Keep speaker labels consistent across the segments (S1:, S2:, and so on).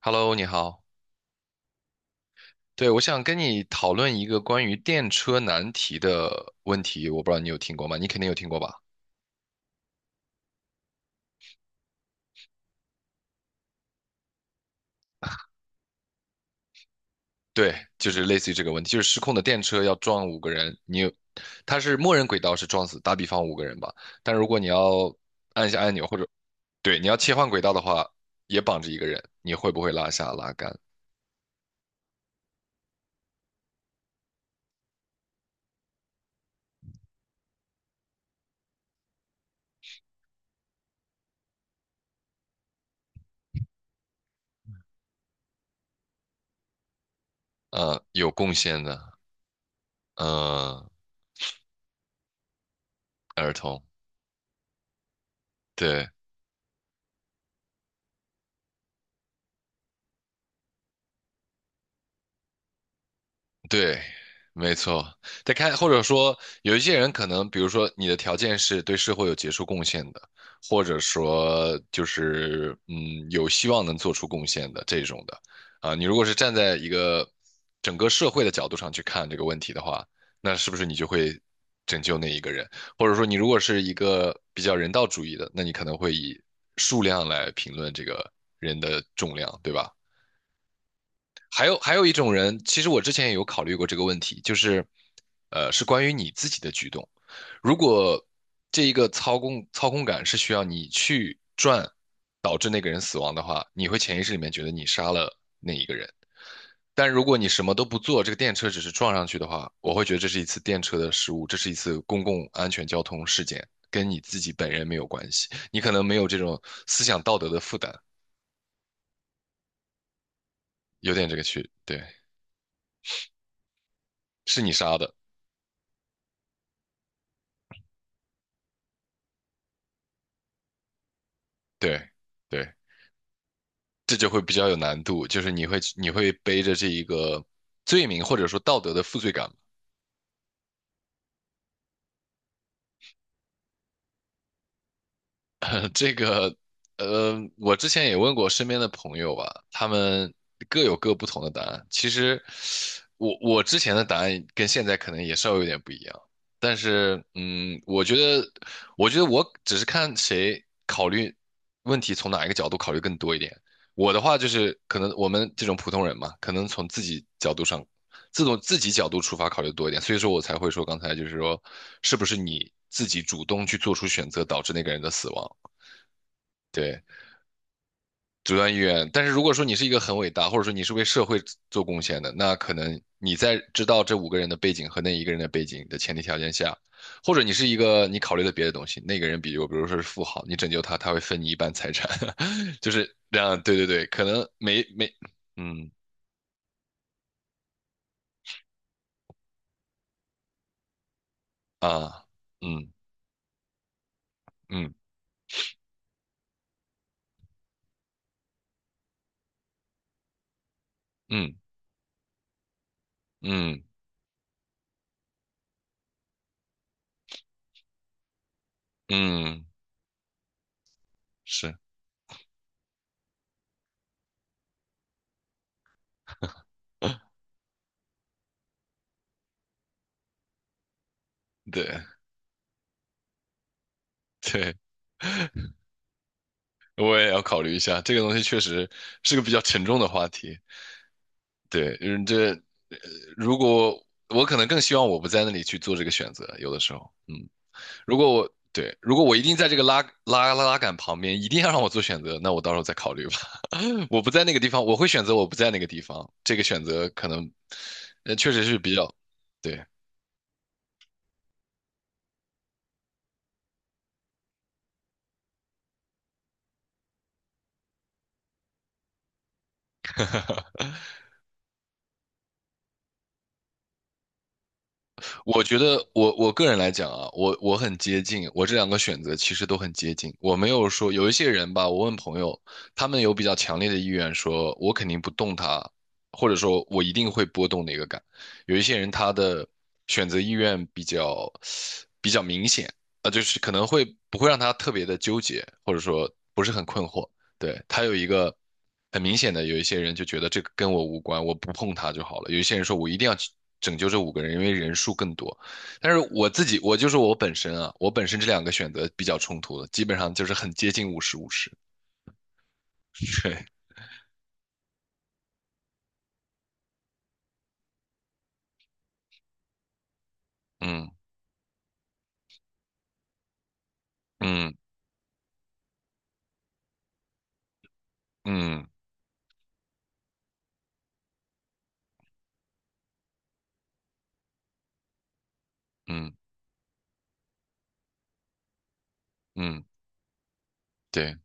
S1: Hello，你好。对，我想跟你讨论一个关于电车难题的问题，我不知道你有听过吗？你肯定有听过吧？对，就是类似于这个问题，就是失控的电车要撞五个人，它是默认轨道是撞死，打比方五个人吧。但如果你要按一下按钮或者对你要切换轨道的话，也绑着一个人，你会不会拉下拉杆？有贡献的，呃，儿童，对。对，没错。再看，或者说有一些人可能，比如说你的条件是对社会有杰出贡献的，或者说就是有希望能做出贡献的这种的啊。你如果是站在一个整个社会的角度上去看这个问题的话，那是不是你就会拯救那一个人？或者说你如果是一个比较人道主义的，那你可能会以数量来评论这个人的重量，对吧？还有一种人，其实我之前也有考虑过这个问题，就是，是关于你自己的举动。如果这一个操控感是需要你去转，导致那个人死亡的话，你会潜意识里面觉得你杀了那一个人。但如果你什么都不做，这个电车只是撞上去的话，我会觉得这是一次电车的失误，这是一次公共安全交通事件，跟你自己本人没有关系。你可能没有这种思想道德的负担，有点这个区，对，是你杀的，对对。这就会比较有难度，就是你会背着这一个罪名或者说道德的负罪感这个，我之前也问过身边的朋友吧，他们各有各不同的答案。其实我之前的答案跟现在可能也稍微有点不一样，但是，我觉得，我只是看谁考虑问题从哪一个角度考虑更多一点。我的话就是，可能我们这种普通人嘛，可能从自己角度上，自从自己角度出发考虑多一点，所以说我才会说刚才就是说，是不是你自己主动去做出选择导致那个人的死亡？对，主观意愿。但是如果说你是一个很伟大，或者说你是为社会做贡献的，那可能你在知道这五个人的背景和那一个人的背景的前提条件下，或者你是一个你考虑了别的东西，那个人比如说是富豪，你拯救他，他会分你一半财产，就是这样。对对对，可能没没，嗯啊，嗯嗯嗯嗯嗯，是，对 对，我也要考虑一下，这个东西确实是个比较沉重的话题。对，如果我可能更希望我不在那里去做这个选择，有的时候，如果我一定在这个拉杆旁边，一定要让我做选择，那我到时候再考虑吧。我不在那个地方，我会选择我不在那个地方，这个选择可能，确实是比较，对，我觉得我个人来讲啊，我很接近，我这两个选择其实都很接近。我没有说有一些人吧，我问朋友，他们有比较强烈的意愿说，我肯定不动他，或者说我一定会波动哪个感。有一些人他的选择意愿比较明显啊，就是可能会不会让他特别的纠结，或者说不是很困惑。对，他有一个很明显的，有一些人就觉得这个跟我无关，我不碰他就好了。有一些人说我一定要去拯救这五个人，因为人数更多。但是我自己，我就是我本身啊，我本身这两个选择比较冲突的，基本上就是很接近五十五十。对，嗯嗯嗯嗯嗯，对。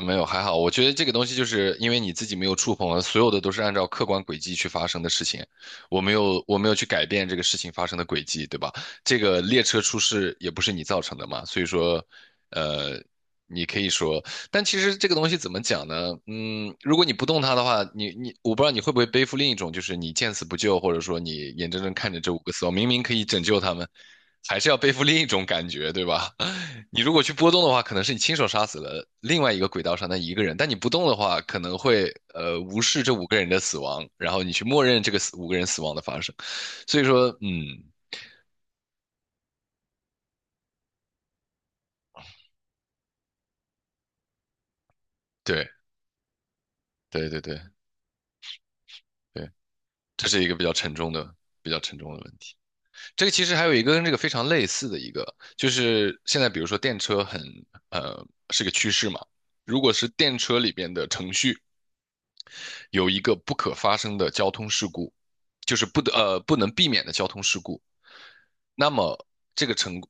S1: 没有，还好。我觉得这个东西就是因为你自己没有触碰了，所有的都是按照客观轨迹去发生的事情。我没有去改变这个事情发生的轨迹，对吧？这个列车出事也不是你造成的嘛，所以说，呃，你可以说但其实这个东西怎么讲呢？如果你不动它的话，你我不知道你会不会背负另一种，就是你见死不救，或者说你眼睁睁看着这五个死亡，明明可以拯救他们，还是要背负另一种感觉，对吧？你如果去波动的话，可能是你亲手杀死了另外一个轨道上的一个人，但你不动的话，可能会无视这五个人的死亡，然后你去默认这个五个人死亡的发生。所以说，嗯，对对对对对，这是一个比较沉重的问题。这个其实还有一个跟这个非常类似的一个，就是现在比如说电车是个趋势嘛，如果是电车里边的程序有一个不可发生的交通事故，就是不能避免的交通事故，那么这个成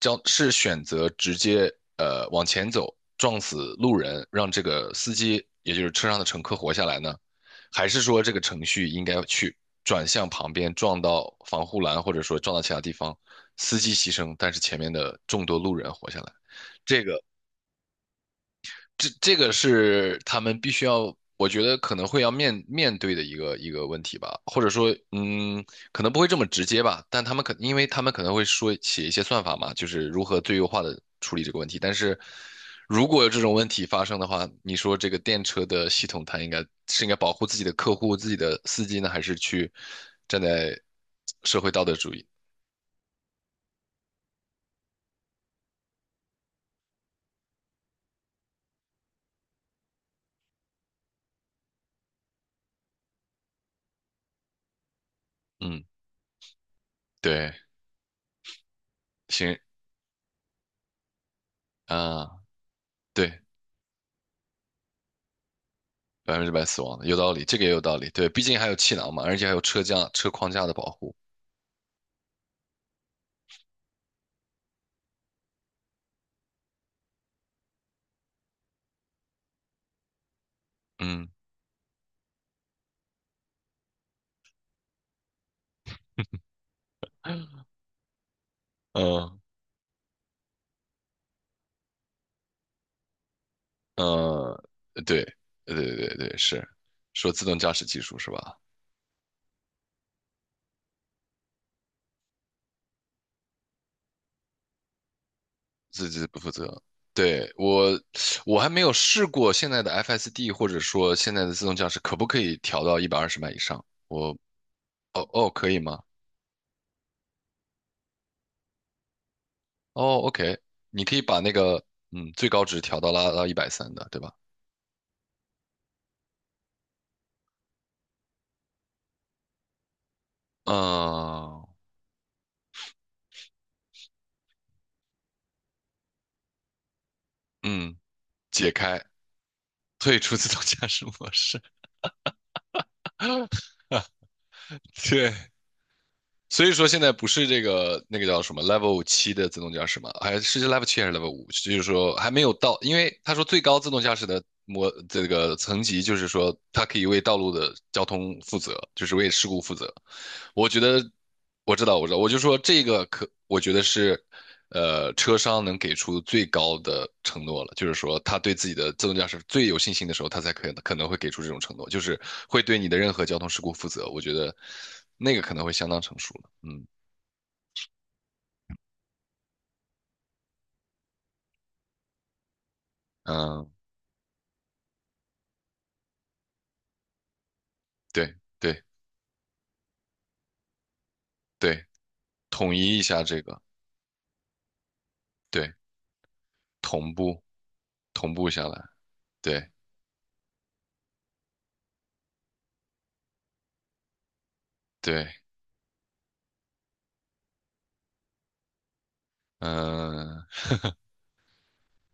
S1: 将是选择直接往前走撞死路人，让这个司机也就是车上的乘客活下来呢，还是说这个程序应该去转向旁边撞到防护栏，或者说撞到其他地方，司机牺牲，但是前面的众多路人活下来？这个这个是他们必须要，我觉得可能会要面对的一个问题吧，或者说，嗯，可能不会这么直接吧，但他们可，因为他们可能会说写一些算法嘛，就是如何最优化的处理这个问题。但是如果有这种问题发生的话，你说这个电车的系统，它应该是应该保护自己的客户、自己的司机呢，还是去站在社会道德主义？嗯，对，行啊，对，100%死亡的，有道理，这个也有道理。对，毕竟还有气囊嘛，而且还有车架、车框架的保护。嗯嗯呃，对对对对对，是说自动驾驶技术是吧？自己不负责。对，我还没有试过现在的 FSD 或者说现在的自动驾驶可不可以调到120迈以上？我哦哦，可以吗？哦，OK，你可以把那个最高值拉到130的，对吧？嗯嗯，解开，退出自动驾驶模式。对，所以说现在不是这个那个叫什么 Level 七的自动驾驶嘛，还是 Level 七还是 Level 5？就是说还没有到，因为他说最高自动驾驶的这个层级，就是说它可以为道路的交通负责，就是为事故负责。我觉得我知道，我就说这个可，我觉得是，车商能给出最高的承诺了，就是说他对自己的自动驾驶最有信心的时候，他才可能会给出这种承诺，就是会对你的任何交通事故负责。我觉得那个可能会相当成熟了。嗯嗯，对对对，统一一下这个，对，同步同步下来，对对，嗯，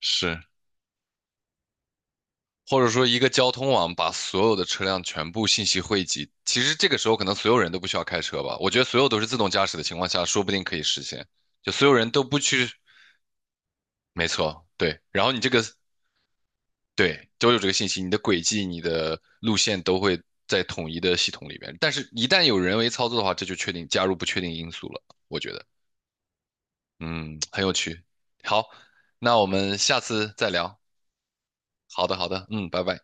S1: 是。或者说一个交通网把所有的车辆全部信息汇集，其实这个时候可能所有人都不需要开车吧。我觉得所有都是自动驾驶的情况下，说不定可以实现，就所有人都不去，没错，对。然后你这个对都有这个信息，你的轨迹、你的路线都会在统一的系统里面。但是，一旦有人为操作的话，这就确定加入不确定因素了。我觉得，嗯，很有趣。好，那我们下次再聊。好的，好的，嗯，拜拜。